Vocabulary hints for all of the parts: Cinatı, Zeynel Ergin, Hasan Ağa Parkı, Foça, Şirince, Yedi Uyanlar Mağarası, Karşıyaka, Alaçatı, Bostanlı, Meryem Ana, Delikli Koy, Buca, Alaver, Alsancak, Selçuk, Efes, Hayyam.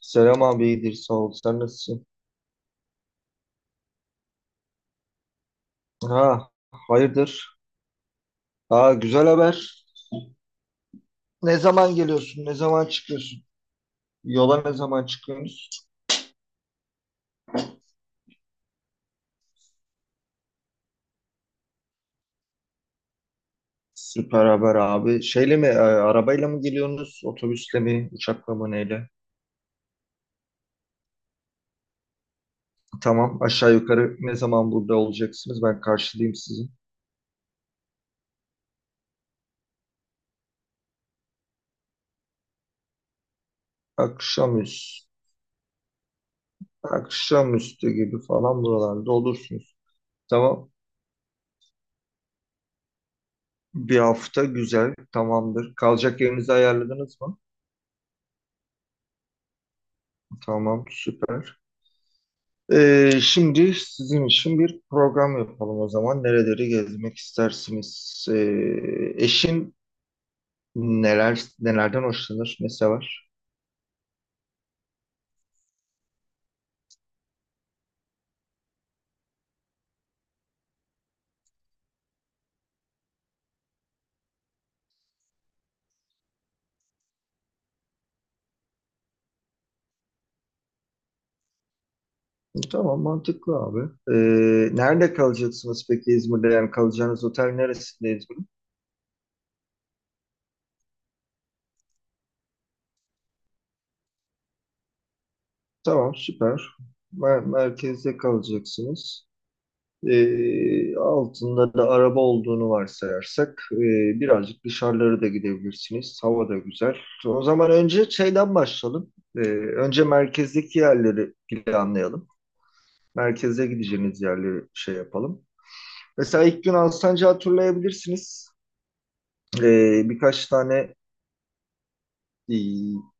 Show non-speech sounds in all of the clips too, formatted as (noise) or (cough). Selam abi iyidir sağ ol. Sen nasılsın? Ha, hayırdır? Ha, güzel haber. Ne zaman geliyorsun? Ne zaman çıkıyorsun? Yola ne zaman çıkıyorsunuz? Süper haber abi. Şeyle mi, arabayla mı geliyorsunuz? Otobüsle mi, uçakla mı, neyle? Tamam, aşağı yukarı ne zaman burada olacaksınız? Ben karşılayayım sizi. Akşamüstü, Akşamüstü gibi falan buralarda olursunuz. Tamam. Bir hafta güzel, tamamdır. Kalacak yerinizi ayarladınız mı? Tamam, süper. Şimdi sizin için bir program yapalım o zaman. Nereleri gezmek istersiniz? Eşin nelerden hoşlanır? Ne sever? Tamam, mantıklı abi. Nerede kalacaksınız peki İzmir'de? Yani kalacağınız otel neresinde İzmir'in? Tamam, süper. Merkezde kalacaksınız. Altında da araba olduğunu varsayarsak birazcık dışarılara da gidebilirsiniz. Hava da güzel. O zaman önce şeyden başlayalım. Önce merkezdeki yerleri planlayalım. Merkeze gideceğiniz yerleri şey yapalım. Mesela ilk gün Alsancak'ı turlayabilirsiniz. Birkaç tane e,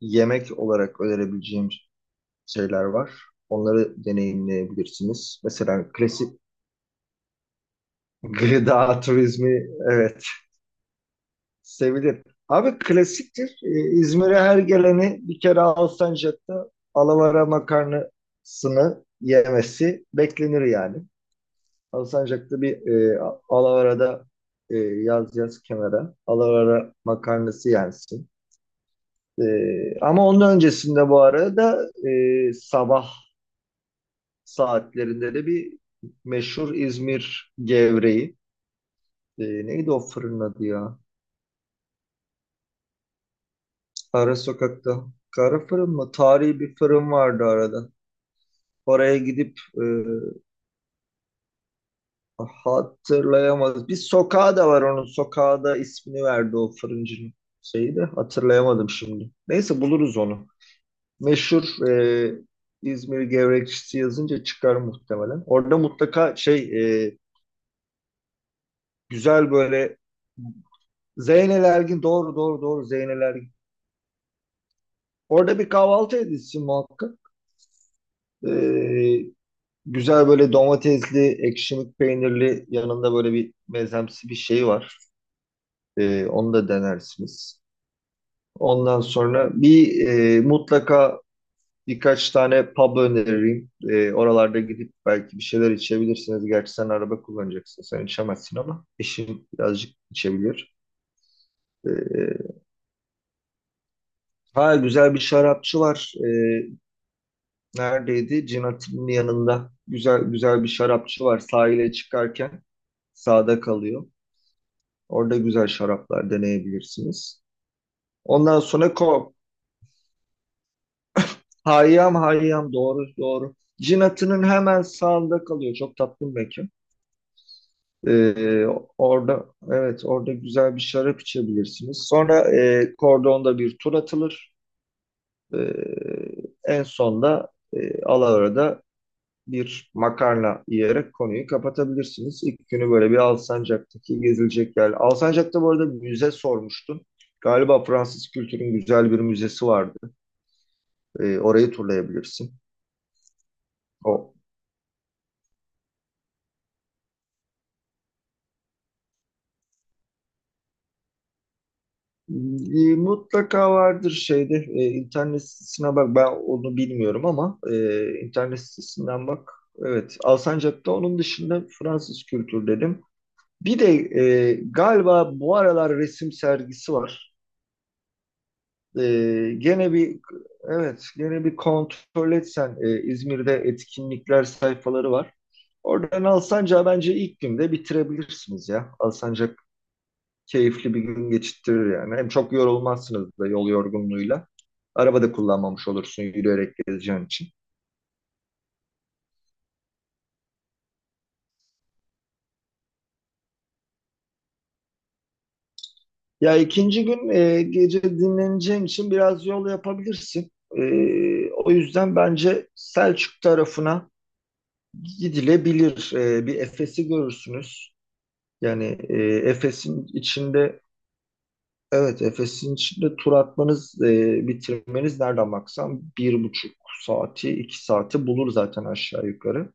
yemek olarak önerebileceğim şeyler var. Onları deneyimleyebilirsiniz. Mesela klasik (laughs) gıda turizmi, evet, sevilir. Abi, klasiktir. İzmir'e her geleni bir kere Alsancak'ta alavara makarnasını yemesi beklenir yani. Alsancak'ta bir e, alavarada, yaz yaz kenara, alavara makarnası yensin. E, Ama onun öncesinde bu arada, sabah saatlerinde de bir meşhur İzmir gevreği. Neydi o fırın adı ya? Ara sokakta. Kara fırın mı? Tarihi bir fırın vardı arada. Oraya gidip, hatırlayamaz. Bir sokağı da var onun. Sokağa da ismini verdi o fırıncının şeyi de. Hatırlayamadım şimdi. Neyse, buluruz onu. Meşhur İzmir gevrekçisi yazınca çıkar muhtemelen. Orada mutlaka şey, e, güzel böyle Zeynel Ergin, doğru doğru doğru, Zeynel Ergin. Orada bir kahvaltı edilsin muhakkak. E, Güzel böyle domatesli, ekşimik peynirli, yanında böyle bir mezemsi bir şey var. Onu da denersiniz. Ondan sonra bir, mutlaka birkaç tane pub öneririm. Oralarda gidip belki bir şeyler içebilirsiniz. Gerçi sen araba kullanacaksın, sen içemezsin, ama eşin birazcık içebilir. Ee, ha, güzel bir şarapçı var. Neredeydi? Cinatinin yanında. Güzel güzel bir şarapçı var, sahile çıkarken sağda kalıyor. Orada güzel şaraplar deneyebilirsiniz. Ondan sonra ko. Hayyam, Hayyam, doğru doğru. Cinatı'nın hemen sağında kalıyor. Çok tatlı bir mekan. Ee, orada evet orada güzel bir şarap içebilirsiniz. Sonra, Kordon'da bir tur atılır. Ee, En sonda, Alaver'de bir makarna yiyerek konuyu kapatabilirsiniz. İlk günü böyle bir Alsancak'taki gezilecek yer. Alsancak'ta bu arada müze sormuştun. Galiba Fransız kültürün güzel bir müzesi vardı. Orayı turlayabilirsin. O, mutlaka vardır şeyde. İnternet sitesine bak, ben onu bilmiyorum, ama internet sitesinden bak. Evet, Alsancak'ta onun dışında Fransız kültür dedim. Bir de galiba bu aralar resim sergisi var. Gene bir evet gene bir kontrol etsen, İzmir'de etkinlikler sayfaları var. Oradan Alsancak'a bence ilk günde bitirebilirsiniz ya. Alsancak keyifli bir gün geçirtir yani. Hem çok yorulmazsınız da yol yorgunluğuyla. Araba da kullanmamış olursun yürüyerek gezeceğin için. Ya, ikinci gün, gece dinleneceğin için biraz yol yapabilirsin. E, O yüzden bence Selçuk tarafına gidilebilir. Bir Efes'i görürsünüz. Yani, Efes'in içinde, evet, Efes'in içinde tur atmanız, bitirmeniz nereden baksan 1,5 saati, 2 saati bulur zaten aşağı yukarı.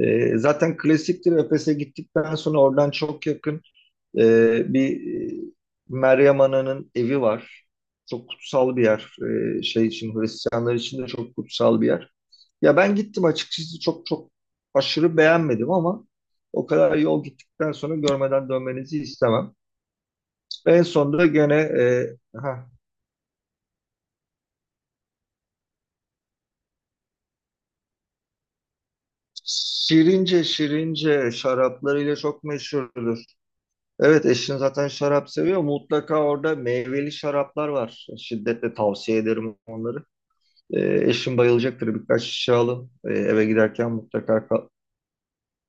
Zaten klasiktir, Efes'e gittikten sonra oradan çok yakın, bir, e, Meryem Ana'nın evi var. Çok kutsal bir yer. E, şey için Hristiyanlar için de çok kutsal bir yer. Ya, ben gittim açıkçası, çok çok aşırı beğenmedim, ama o kadar yol gittikten sonra görmeden dönmenizi istemem. En sonunda gene, ha, Şirince, şaraplarıyla çok meşhurdur. Evet, eşin zaten şarap seviyor. Mutlaka orada meyveli şaraplar var. Şiddetle tavsiye ederim onları. E, Eşin bayılacaktır. Birkaç şişe alın. Eve giderken mutlaka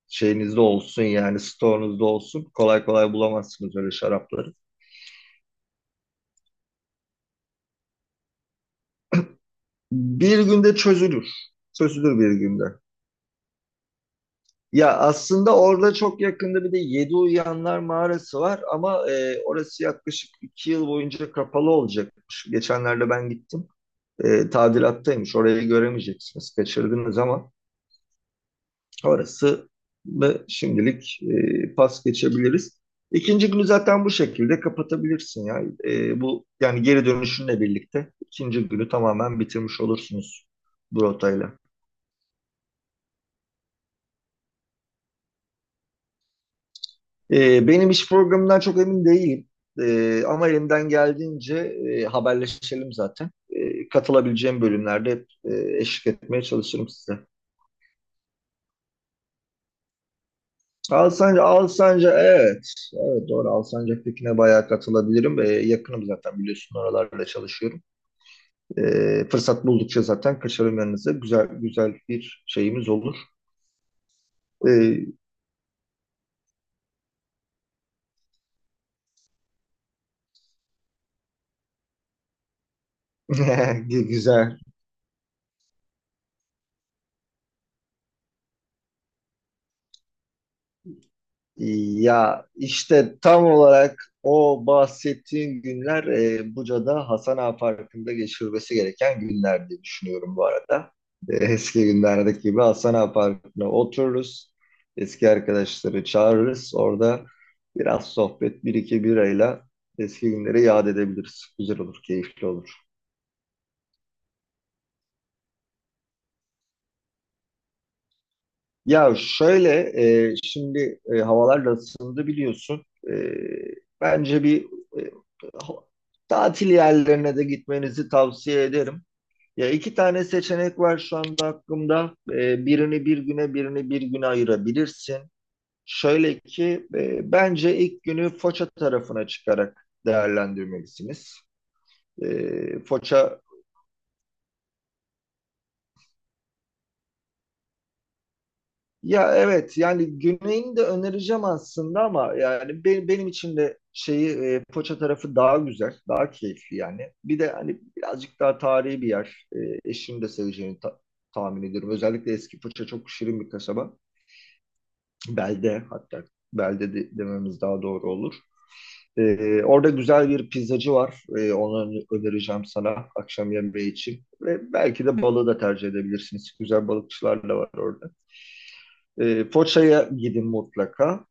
şeyinizde olsun, yani stoğunuzda olsun. Kolay kolay bulamazsınız öyle şarapları. Bir günde çözülür. Çözülür bir günde. Ya, aslında orada çok yakında bir de Yedi Uyanlar Mağarası var, ama orası yaklaşık 2 yıl boyunca kapalı olacakmış. Geçenlerde ben gittim. Tadilattaymış. Orayı göremeyeceksiniz. Kaçırdınız, ama orası da şimdilik pas geçebiliriz. İkinci günü zaten bu şekilde kapatabilirsin ya. Bu yani geri dönüşünle birlikte ikinci günü tamamen bitirmiş olursunuz bu rotayla. Benim iş programından çok emin değilim. Ama elimden geldiğince, haberleşelim zaten. Katılabileceğim bölümlerde hep, eşlik etmeye çalışırım size. Alsancak, Alsancak, evet. Evet, doğru, Alsancak'takine bayağı katılabilirim. Yakınım zaten, biliyorsun oralarda çalışıyorum. Fırsat buldukça zaten kaçarım yanınıza. Güzel güzel bir şeyimiz olur. Ee, (laughs) güzel. Ya işte tam olarak o bahsettiğin günler, Buca'da Hasan Ağa Parkı'nda geçirilmesi gereken günler diye düşünüyorum bu arada. Eski günlerdeki gibi Hasan Ağa Parkı'na otururuz. Eski arkadaşları çağırırız. Orada biraz sohbet, bir iki birayla eski günleri yad edebiliriz. Güzel olur, keyifli olur. Ya şöyle, şimdi, havalar da ısındı biliyorsun. E, Bence bir, e, ha- tatil yerlerine de gitmenizi tavsiye ederim. Ya, iki tane seçenek var şu anda aklımda. Birini bir güne, birini bir güne ayırabilirsin. Şöyle ki, bence ilk günü Foça tarafına çıkarak değerlendirmelisiniz. E, Foça Ya, evet, yani Güney'ini de önereceğim aslında, ama yani, benim için de şeyi, Foça tarafı daha güzel, daha keyifli yani. Bir de hani birazcık daha tarihi bir yer. Eşim de seveceğini tahmin ediyorum. Özellikle eski Foça çok şirin bir kasaba. Belde, hatta belde dememiz daha doğru olur. Orada güzel bir pizzacı var. Onu önereceğim sana akşam yemeği için. Ve belki de balığı da tercih edebilirsiniz. Güzel balıkçılar da var orada. Foça'ya gidin mutlaka.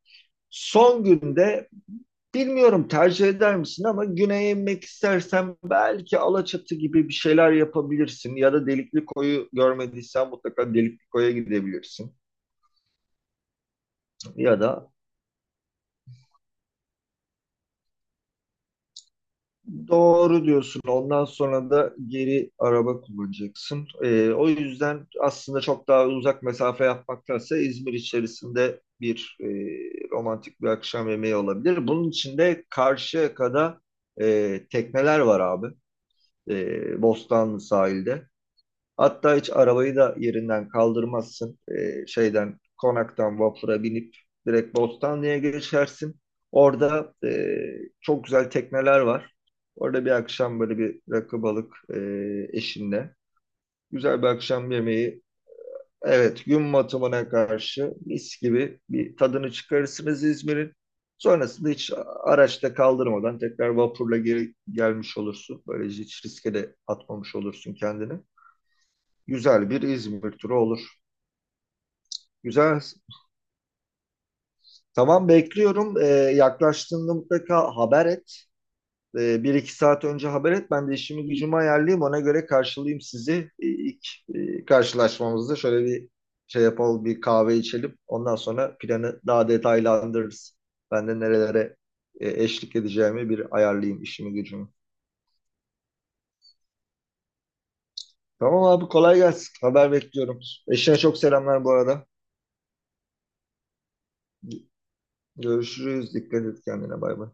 Son günde bilmiyorum tercih eder misin, ama güneye inmek istersen belki Alaçatı gibi bir şeyler yapabilirsin. Ya da Delikli Koyu görmediysen, mutlaka Delikli Koy'a gidebilirsin. Ya da doğru diyorsun, ondan sonra da geri araba kullanacaksın. O yüzden aslında çok daha uzak mesafe yapmaktansa İzmir içerisinde bir, romantik bir akşam yemeği olabilir. Bunun için de Karşıyaka'da, tekneler var abi. Bostanlı sahilde. Hatta hiç arabayı da yerinden kaldırmazsın. Şeyden, konaktan vapura binip direkt Bostanlı'ya geçersin. Orada, çok güzel tekneler var. Orada bir akşam böyle bir rakı balık, eşinle güzel bir akşam yemeği. Evet, gün batımına karşı mis gibi bir tadını çıkarırsınız İzmir'in. Sonrasında hiç araçta kaldırmadan tekrar vapurla geri gelmiş olursun. Böylece hiç riske de atmamış olursun kendini. Güzel bir İzmir turu olur. Güzel. Tamam, bekliyorum. Yaklaştığında mutlaka haber et. Bir iki saat önce haber et. Ben de işimi gücümü ayarlayayım. Ona göre karşılayayım sizi. İlk karşılaşmamızda şöyle bir şey yapalım. Bir kahve içelim. Ondan sonra planı daha detaylandırırız. Ben de nerelere, eşlik edeceğimi bir ayarlayayım işimi gücümü. Tamam abi, kolay gelsin. Haber bekliyorum. Eşine çok selamlar bu arada. Görüşürüz. Dikkat et kendine. Bay bay.